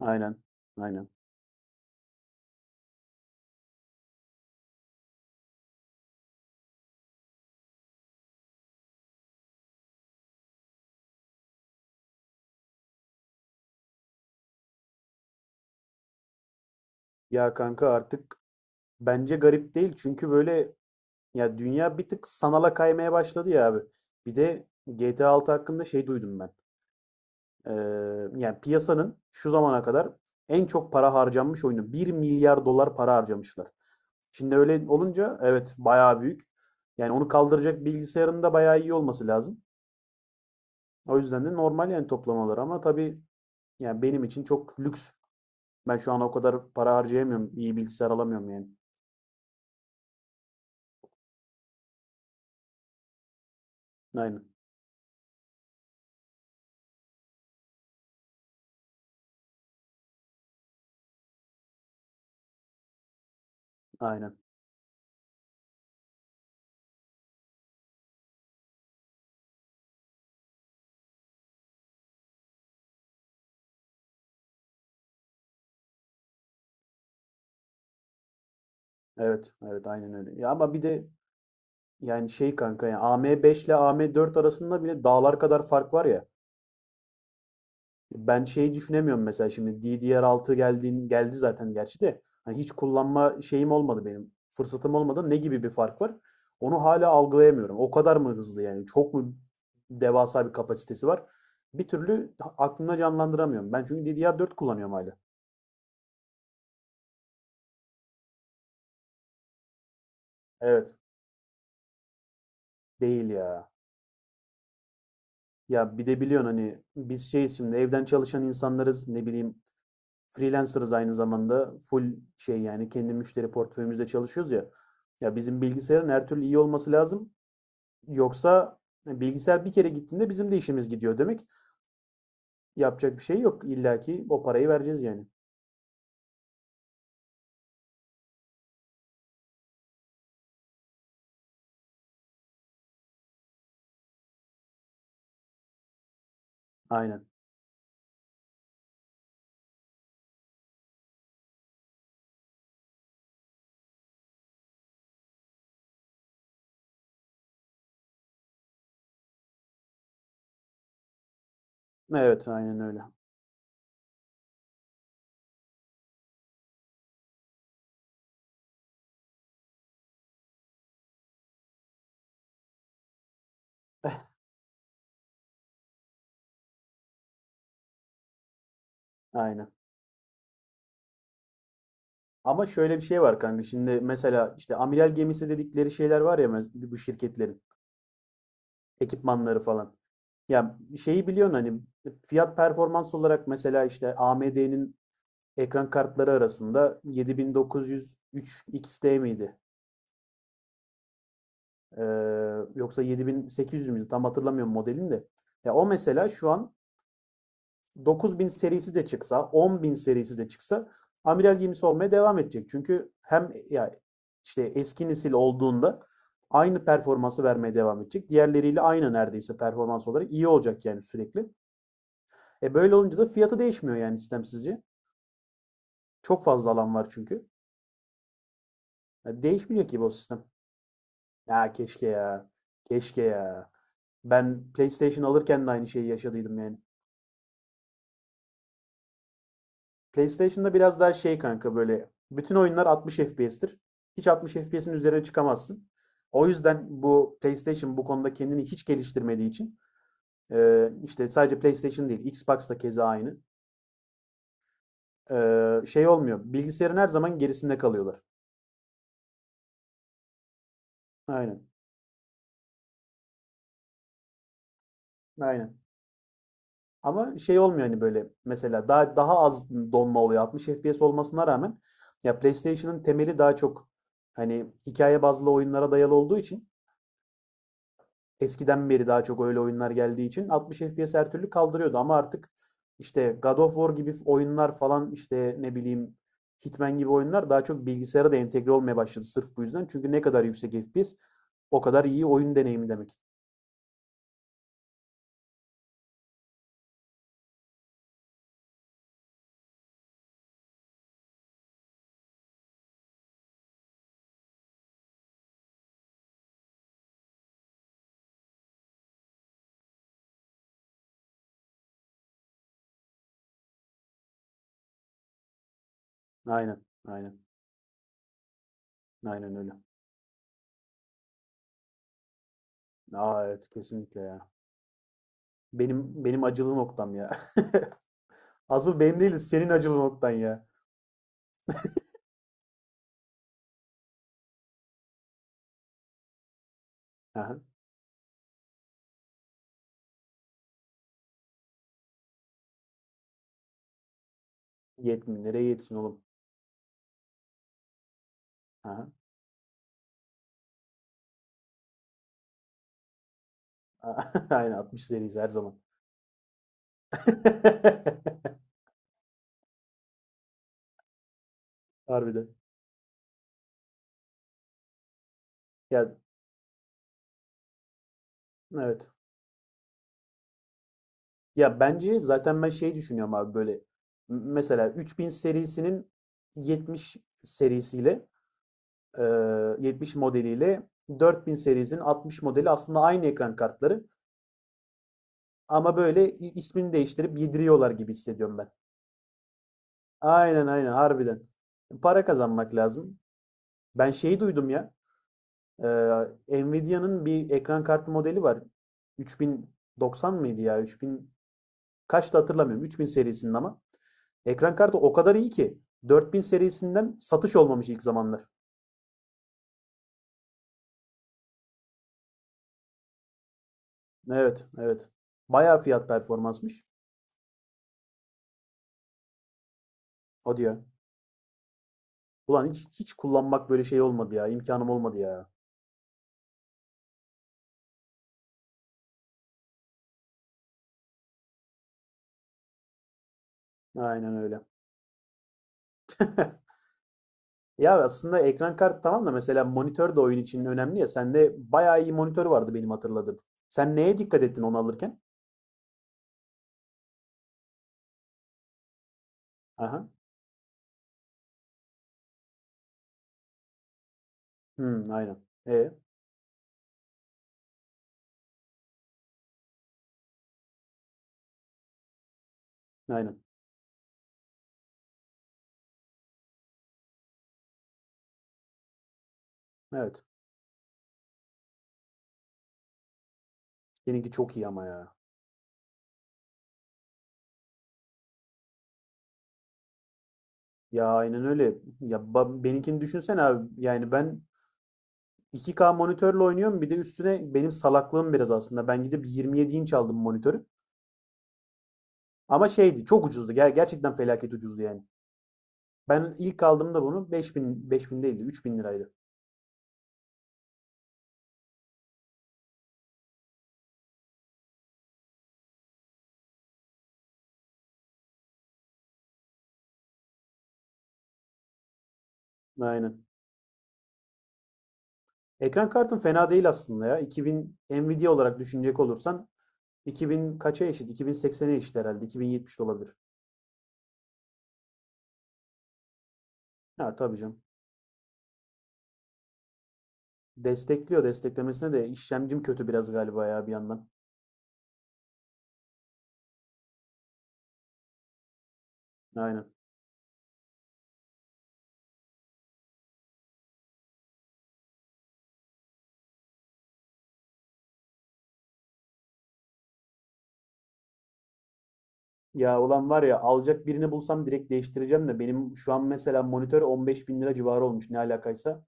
Aynen. Aynen. Ya kanka artık bence garip değil. Çünkü böyle ya dünya bir tık sanala kaymaya başladı ya abi. Bir de GTA 6 hakkında şey duydum ben. Ee, yani piyasanın şu zamana kadar en çok para harcanmış oyunu. Bir milyar dolar para harcamışlar. Şimdi öyle olunca evet bayağı büyük. Yani onu kaldıracak bilgisayarın da bayağı iyi olması lazım. O yüzden de normal yani toplamaları ama tabii yani benim için çok lüks. Ben şu an o kadar para harcayamıyorum. İyi bilgisayar alamıyorum yani. Aynen. Aynen. Evet, evet aynen öyle. Ya ama bir de yani şey kanka ya AM5 ile AM4 arasında bile dağlar kadar fark var ya. Ben şeyi düşünemiyorum mesela şimdi DDR6 geldiğin geldi zaten gerçi de hani hiç kullanma şeyim olmadı benim. Fırsatım olmadı. Ne gibi bir fark var? Onu hala algılayamıyorum. O kadar mı hızlı yani? Çok mu devasa bir kapasitesi var? Bir türlü aklımda canlandıramıyorum. Ben çünkü DDR4 kullanıyorum hala. Evet, değil ya. Ya bir de biliyorsun hani biz şeyiz şimdi evden çalışan insanlarız ne bileyim freelancer'ız aynı zamanda full şey yani kendi müşteri portföyümüzde çalışıyoruz ya. Ya bizim bilgisayarın her türlü iyi olması lazım. Yoksa bilgisayar bir kere gittiğinde bizim de işimiz gidiyor demek. Yapacak bir şey yok. İlla ki o parayı vereceğiz yani. Aynen. Evet aynen öyle. Aynen. Ama şöyle bir şey var kanka. Şimdi mesela işte amiral gemisi dedikleri şeyler var ya bu şirketlerin ekipmanları falan. Ya şeyi biliyorsun hani fiyat performans olarak mesela işte AMD'nin ekran kartları arasında 7903 XT miydi? Ee, Yoksa 7800 müydü? Tam hatırlamıyorum modelini de. Ya o mesela şu an 9000 serisi de çıksa, 10.000 serisi de çıksa amiral gemisi olmaya devam edecek. Çünkü hem ya işte eski nesil olduğunda aynı performansı vermeye devam edecek. Diğerleriyle aynı neredeyse performans olarak iyi olacak yani sürekli. Böyle olunca da fiyatı değişmiyor yani sistem sizce. Çok fazla alan var çünkü. Ya değişmeyecek gibi o sistem. Ya keşke ya. Keşke ya. Ben PlayStation alırken de aynı şeyi yaşadıydım yani. PlayStation'da biraz daha şey kanka böyle bütün oyunlar 60 FPS'tir. Hiç 60 FPS'in üzerine çıkamazsın. O yüzden bu PlayStation bu konuda kendini hiç geliştirmediği için işte sadece PlayStation değil Xbox da keza aynı. Şey olmuyor. Bilgisayarın her zaman gerisinde kalıyorlar. Aynen. Aynen. Ama şey olmuyor hani böyle mesela daha az donma oluyor 60 FPS olmasına rağmen. Ya PlayStation'ın temeli daha çok hani hikaye bazlı oyunlara dayalı olduğu için eskiden beri daha çok öyle oyunlar geldiği için 60 FPS her türlü kaldırıyordu ama artık işte God of War gibi oyunlar falan işte ne bileyim Hitman gibi oyunlar daha çok bilgisayara da entegre olmaya başladı sırf bu yüzden. Çünkü ne kadar yüksek FPS o kadar iyi oyun deneyimi demek. Aynen. Aynen. Aynen öyle. Aa evet kesinlikle ya. Benim acılı noktam ya. Asıl benim değil, senin acılı noktan ya. Aha. Yetmiyor. Nereye yetsin oğlum? Aha. Aynen 60 seriyiz her zaman. Harbiden. Ya evet. Ya bence zaten ben şey düşünüyorum abi böyle mesela 3000 serisinin 70 serisiyle e, 70 modeliyle 4000 serisinin 60 modeli aslında aynı ekran kartları ama böyle ismini değiştirip yediriyorlar gibi hissediyorum ben. Aynen aynen harbiden. Para kazanmak lazım. Ben şeyi duydum ya. Nvidia'nın bir ekran kartı modeli var. 3090 mıydı ya? 3000 kaçtı hatırlamıyorum. 3000 serisinin ama. Ekran kartı o kadar iyi ki 4000 serisinden satış olmamış ilk zamanlar. Evet, evet. Bayağı fiyat performansmış. O diyor. Ulan hiç kullanmak böyle şey olmadı ya. İmkanım olmadı ya. Aynen öyle. Ya aslında ekran kartı tamam da mesela monitör de oyun için önemli ya. Sende bayağı iyi monitör vardı benim hatırladığım. Sen neye dikkat ettin onu alırken? Aha. Hmm, aynen. E, aynen. Evet. Seninki çok iyi ama ya. Ya aynen öyle. Ya benimkini düşünsene abi. Yani ben iki k monitörle oynuyorum. Bir de üstüne benim salaklığım biraz aslında. Ben gidip 27 inç aldım monitörü. Ama şeydi çok ucuzdu. Gerçekten felaket ucuzdu yani. Ben ilk aldığımda bunu 5000, 5000 değildi, 3000 liraydı. Aynen. Ekran kartım fena değil aslında ya. 2000 Nvidia olarak düşünecek olursan 2000 kaça eşit? 2080'e eşit herhalde. 2070 de olabilir. Ha tabii canım. Destekliyor. Desteklemesine de işlemcim kötü biraz galiba ya bir yandan. Aynen. Ya olan var ya alacak birini bulsam direkt değiştireceğim de benim şu an mesela monitör 15 bin lira civarı olmuş ne alakaysa.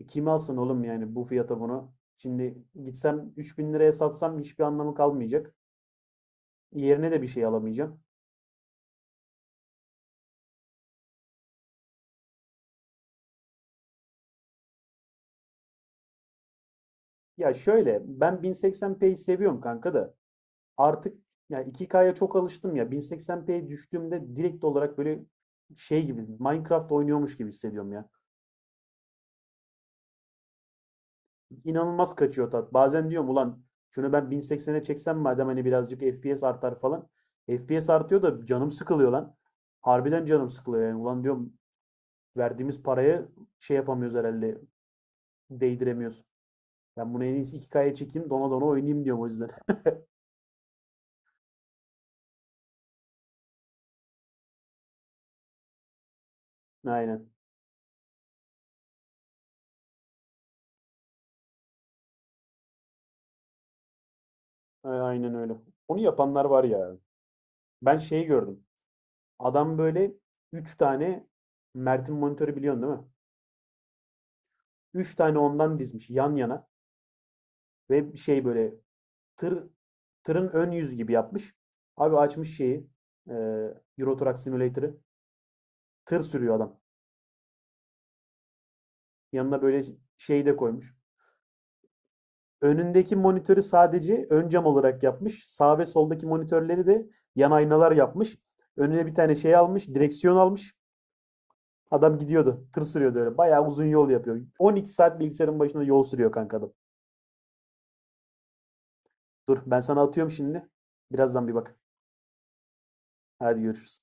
Kim alsın oğlum yani bu fiyata bunu? Şimdi gitsem 3 bin liraya satsam hiçbir anlamı kalmayacak. Yerine de bir şey alamayacağım. Ya şöyle ben 1080p'yi seviyorum kanka da. Artık yani 2K'ya çok alıştım ya. 1080p'ye düştüğümde direkt olarak böyle şey gibi Minecraft oynuyormuş gibi hissediyorum ya. İnanılmaz kaçıyor tat. Bazen diyorum ulan şunu ben 1080'e çeksem madem hani birazcık FPS artar falan. FPS artıyor da canım sıkılıyor lan. Harbiden canım sıkılıyor yani. Ulan diyorum verdiğimiz paraya şey yapamıyoruz herhalde. Değdiremiyoruz. Ben bunu en iyisi 2K'ya çekeyim dona dona oynayayım diyorum o yüzden. Aynen. Aynen öyle. Onu yapanlar var ya. Ben şeyi gördüm. Adam böyle 3 tane Mert'in monitörü biliyorsun değil mi? 3 tane ondan dizmiş yan yana ve bir şey böyle tır tırın ön yüz gibi yapmış. Abi açmış şeyi e, Euro Truck Simulator'ı tır sürüyor adam. Yanına böyle şey de koymuş. Önündeki monitörü sadece ön cam olarak yapmış. Sağ ve soldaki monitörleri de yan aynalar yapmış. Önüne bir tane şey almış, direksiyon almış. Adam gidiyordu. Tır sürüyordu öyle. Bayağı uzun yol yapıyor. 12 saat bilgisayarın başında yol sürüyor kanka adam. Dur ben sana atıyorum şimdi. Birazdan bir bak. Hadi görüşürüz.